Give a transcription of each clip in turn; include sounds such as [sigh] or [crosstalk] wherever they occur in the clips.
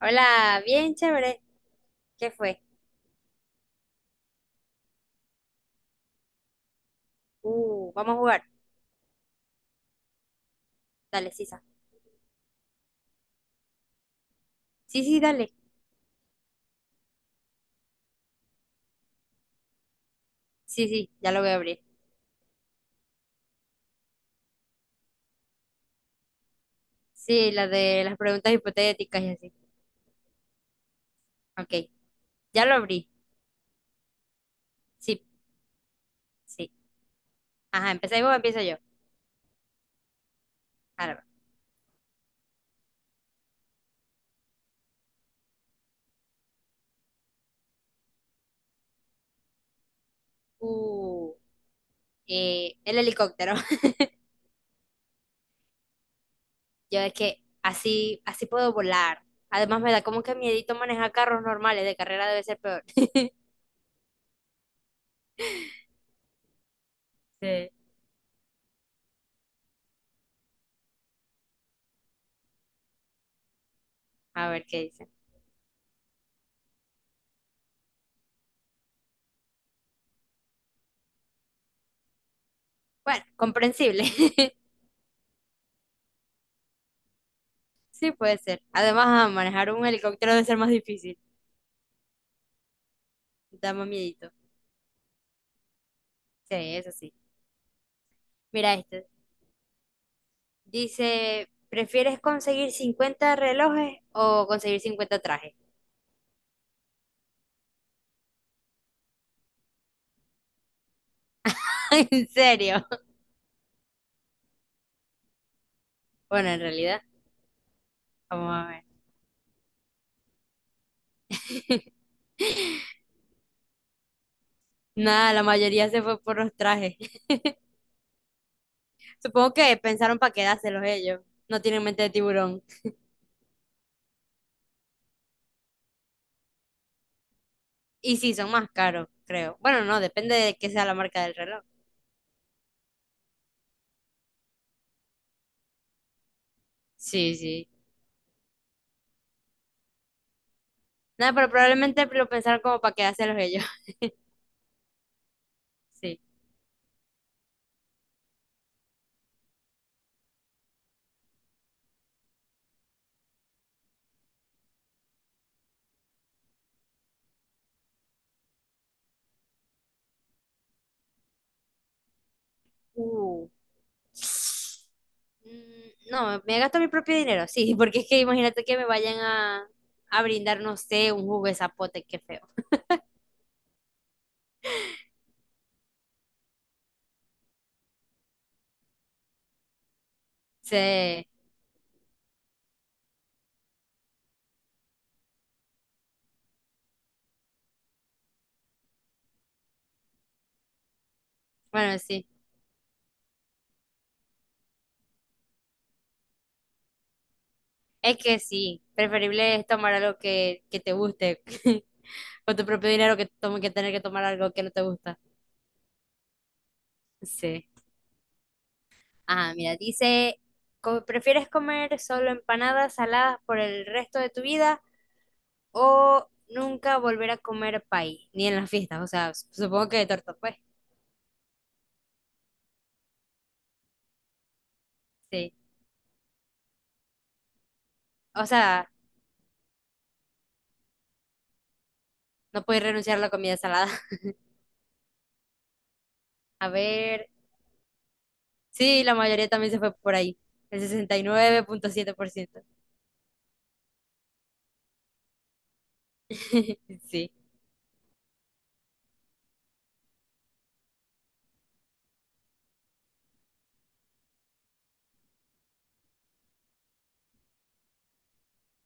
Hola, bien chévere. ¿Qué fue? Vamos a jugar. Dale, Sisa. Sí, sí, dale. Sí, sí, ya lo voy a abrir. Sí, la de las preguntas hipotéticas y así. Ok, ya lo abrí. Sí, sí. Ajá, ¿empezáis vos empiezo yo? Ahora va. Uh, el helicóptero. [laughs] Yo es que así, así puedo volar. Además me da como que miedito manejar carros normales. De carrera debe ser peor. [laughs] Sí, a ver qué dice. Bueno, comprensible. [laughs] Sí, puede ser. Además, ah, manejar un helicóptero debe ser más difícil. Da más miedito. Sí, eso sí. Mira este. Dice, ¿prefieres conseguir 50 relojes o conseguir 50 trajes? [laughs] ¿En serio? Bueno, en realidad, vamos a ver. [laughs] Nada, la mayoría se fue por los trajes. [laughs] Supongo que pensaron para quedárselos ellos. No tienen mente de tiburón. Y sí, son más caros, creo. Bueno, no, depende de qué sea la marca del reloj. Sí, sí. Nada, pero probablemente lo pensaron como para quedárselos ellos. [laughs] Sí. Uh. No, me gasto mi propio dinero, sí, [laughs] porque es que imagínate que me vayan a brindar, no sé, un jugo de zapote, qué feo. Sí, bueno, sí, es que sí, preferible es tomar algo que te guste [laughs] con tu propio dinero que, tome, que tener que tomar algo que no te gusta. Sí. Ah, mira, dice, ¿prefieres comer solo empanadas saladas por el resto de tu vida o nunca volver a comer pay, ni en las fiestas? O sea, supongo que de torta, pues. Sí. O sea, no podéis renunciar a la comida salada. [laughs] A ver, sí, la mayoría también se fue por ahí. El sesenta y nueve punto siete por ciento. [laughs] Sí.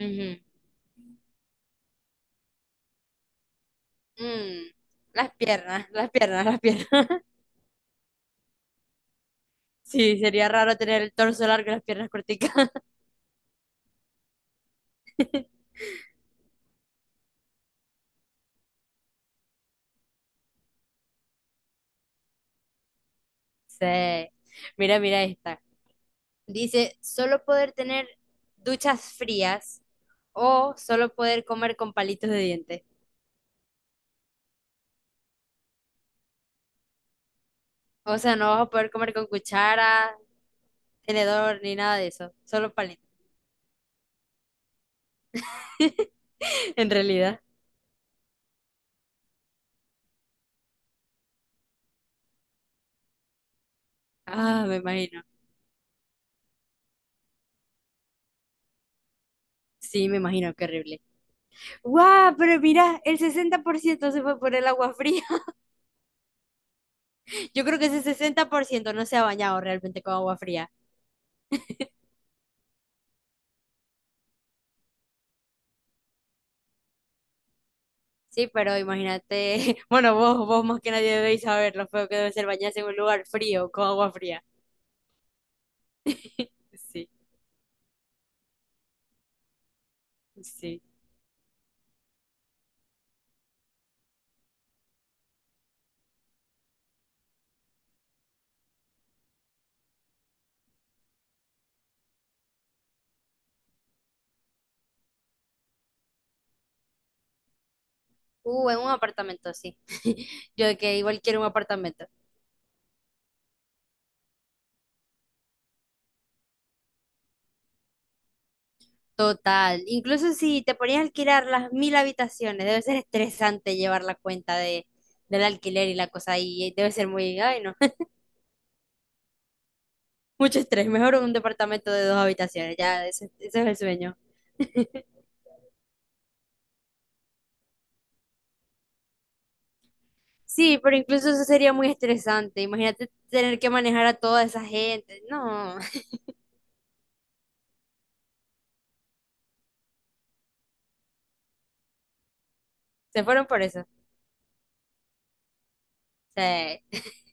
Ujú. Mm, Las piernas, las piernas, las piernas. [laughs] Sí, sería raro tener el torso largo y las piernas corticas. [laughs] Sí. Mira, mira esta. Dice, solo poder tener duchas frías o solo poder comer con palitos de dientes. O sea, no vas a poder comer con cuchara, tenedor, ni nada de eso. Solo palitos. [laughs] En realidad. Ah, me imagino. Sí, me imagino, qué horrible. ¡Guau! Pero mira, el 60% se fue por el agua fría. [laughs] Yo creo que ese 60% no se ha bañado realmente con agua fría. [laughs] Sí, pero imagínate, [laughs] bueno, vos más que nadie debéis saber lo feo que debe ser bañarse en un lugar frío con agua fría. [laughs] Sí, sí. En un apartamento, sí. [laughs] Yo de que igual quiero un apartamento. Total, incluso si te ponías a alquilar las mil habitaciones, debe ser estresante llevar la cuenta del alquiler y la cosa ahí, debe ser muy, ay no, [laughs] mucho estrés, mejor un departamento de dos habitaciones, ya, ese es el sueño. Sí, pero incluso eso sería muy estresante, imagínate tener que manejar a toda esa gente, no, [laughs] se fueron por eso, sí,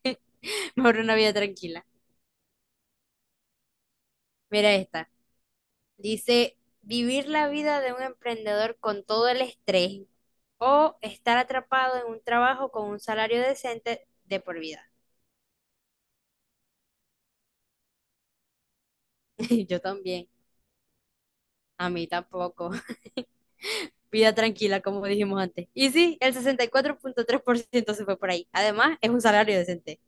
[laughs] mejor una vida tranquila. Mira esta, dice, vivir la vida de un emprendedor con todo el estrés o estar atrapado en un trabajo con un salario decente de por vida. [laughs] Yo también. A mí tampoco. [laughs] Vida tranquila, como dijimos antes. Y sí, el 64.3% se fue por ahí. Además, es un salario decente.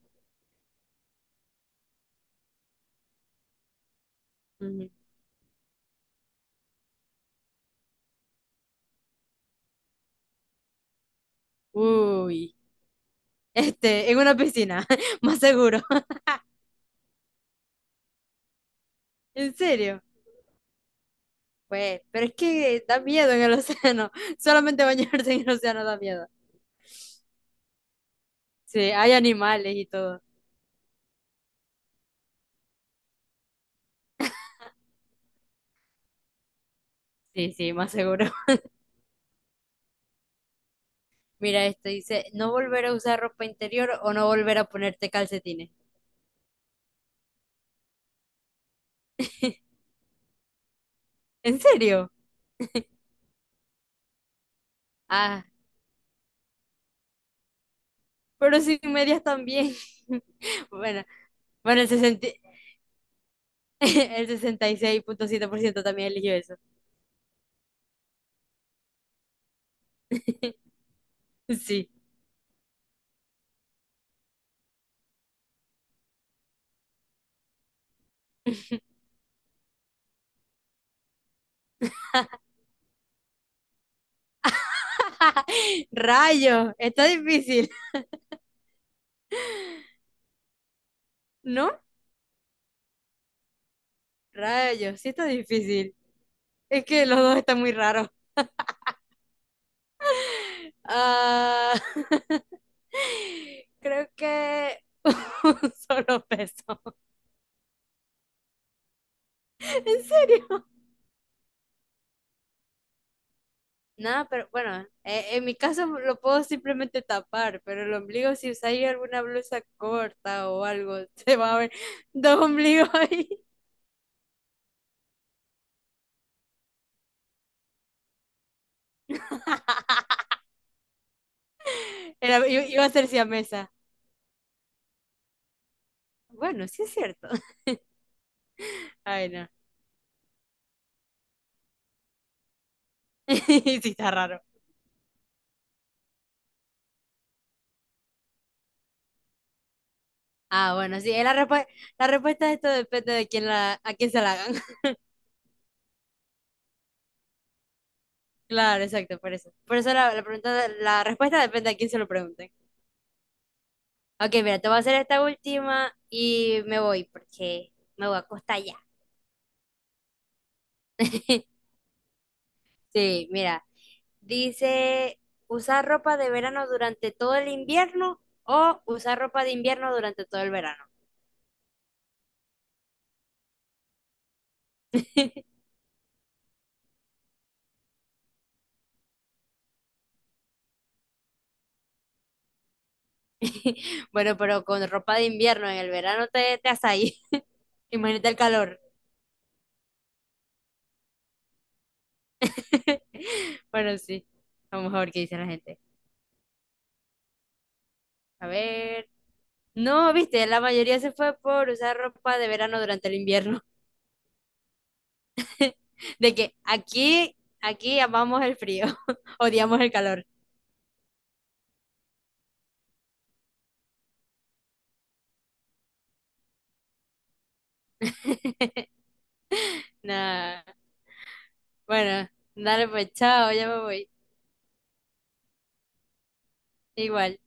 Ujú. Uy, este, en una piscina, [laughs] más seguro. [laughs] ¿En serio? Pues, pero es que da miedo en el océano. [laughs] Solamente bañarse en el océano da miedo. Sí, hay animales y todo. Sí, sí, más seguro. Mira esto, dice, no volver a usar ropa interior o no volver a ponerte calcetines. ¿En serio? Ah, pero sin medias también. [laughs] Bueno, bueno, el 60 [laughs] el sesenta y seis punto siete por ciento también eligió eso. Sí. [laughs] Rayos, está difícil, ¿no? Rayos, sí está difícil. Es que los dos están muy raros. Ah, [laughs] creo que [laughs] un solo peso. ¿En serio? Nada, pero bueno, en mi caso [laughs] lo puedo simplemente tapar, pero el ombligo, si usáis alguna blusa corta o algo, [laughs] se va a ver [laughs] dos ombligos ahí. [laughs] Iba a ser siamesa. Bueno, sí es cierto. Ay, no. [laughs] Sí está raro. Ah, bueno, sí, la respuesta de esto depende de a quién se la hagan. [laughs] Claro, exacto, por eso. Por eso la pregunta, la respuesta depende a quién se lo pregunten. Ok, mira, te voy a hacer esta última y me voy porque me voy a acostar ya. [laughs] Sí, mira. Dice, usar ropa de verano durante todo el invierno o usar ropa de invierno durante todo el verano. [laughs] Bueno, pero con ropa de invierno en el verano te haces ahí. [laughs] Imagínate el calor. [laughs] Bueno, sí. Vamos a ver qué dice la gente. A ver. No, viste, la mayoría se fue por usar ropa de verano durante el invierno. [laughs] De que aquí amamos el frío, [laughs] odiamos el calor. [laughs] Nah. Bueno, dale pues, chao, ya me voy. Igual.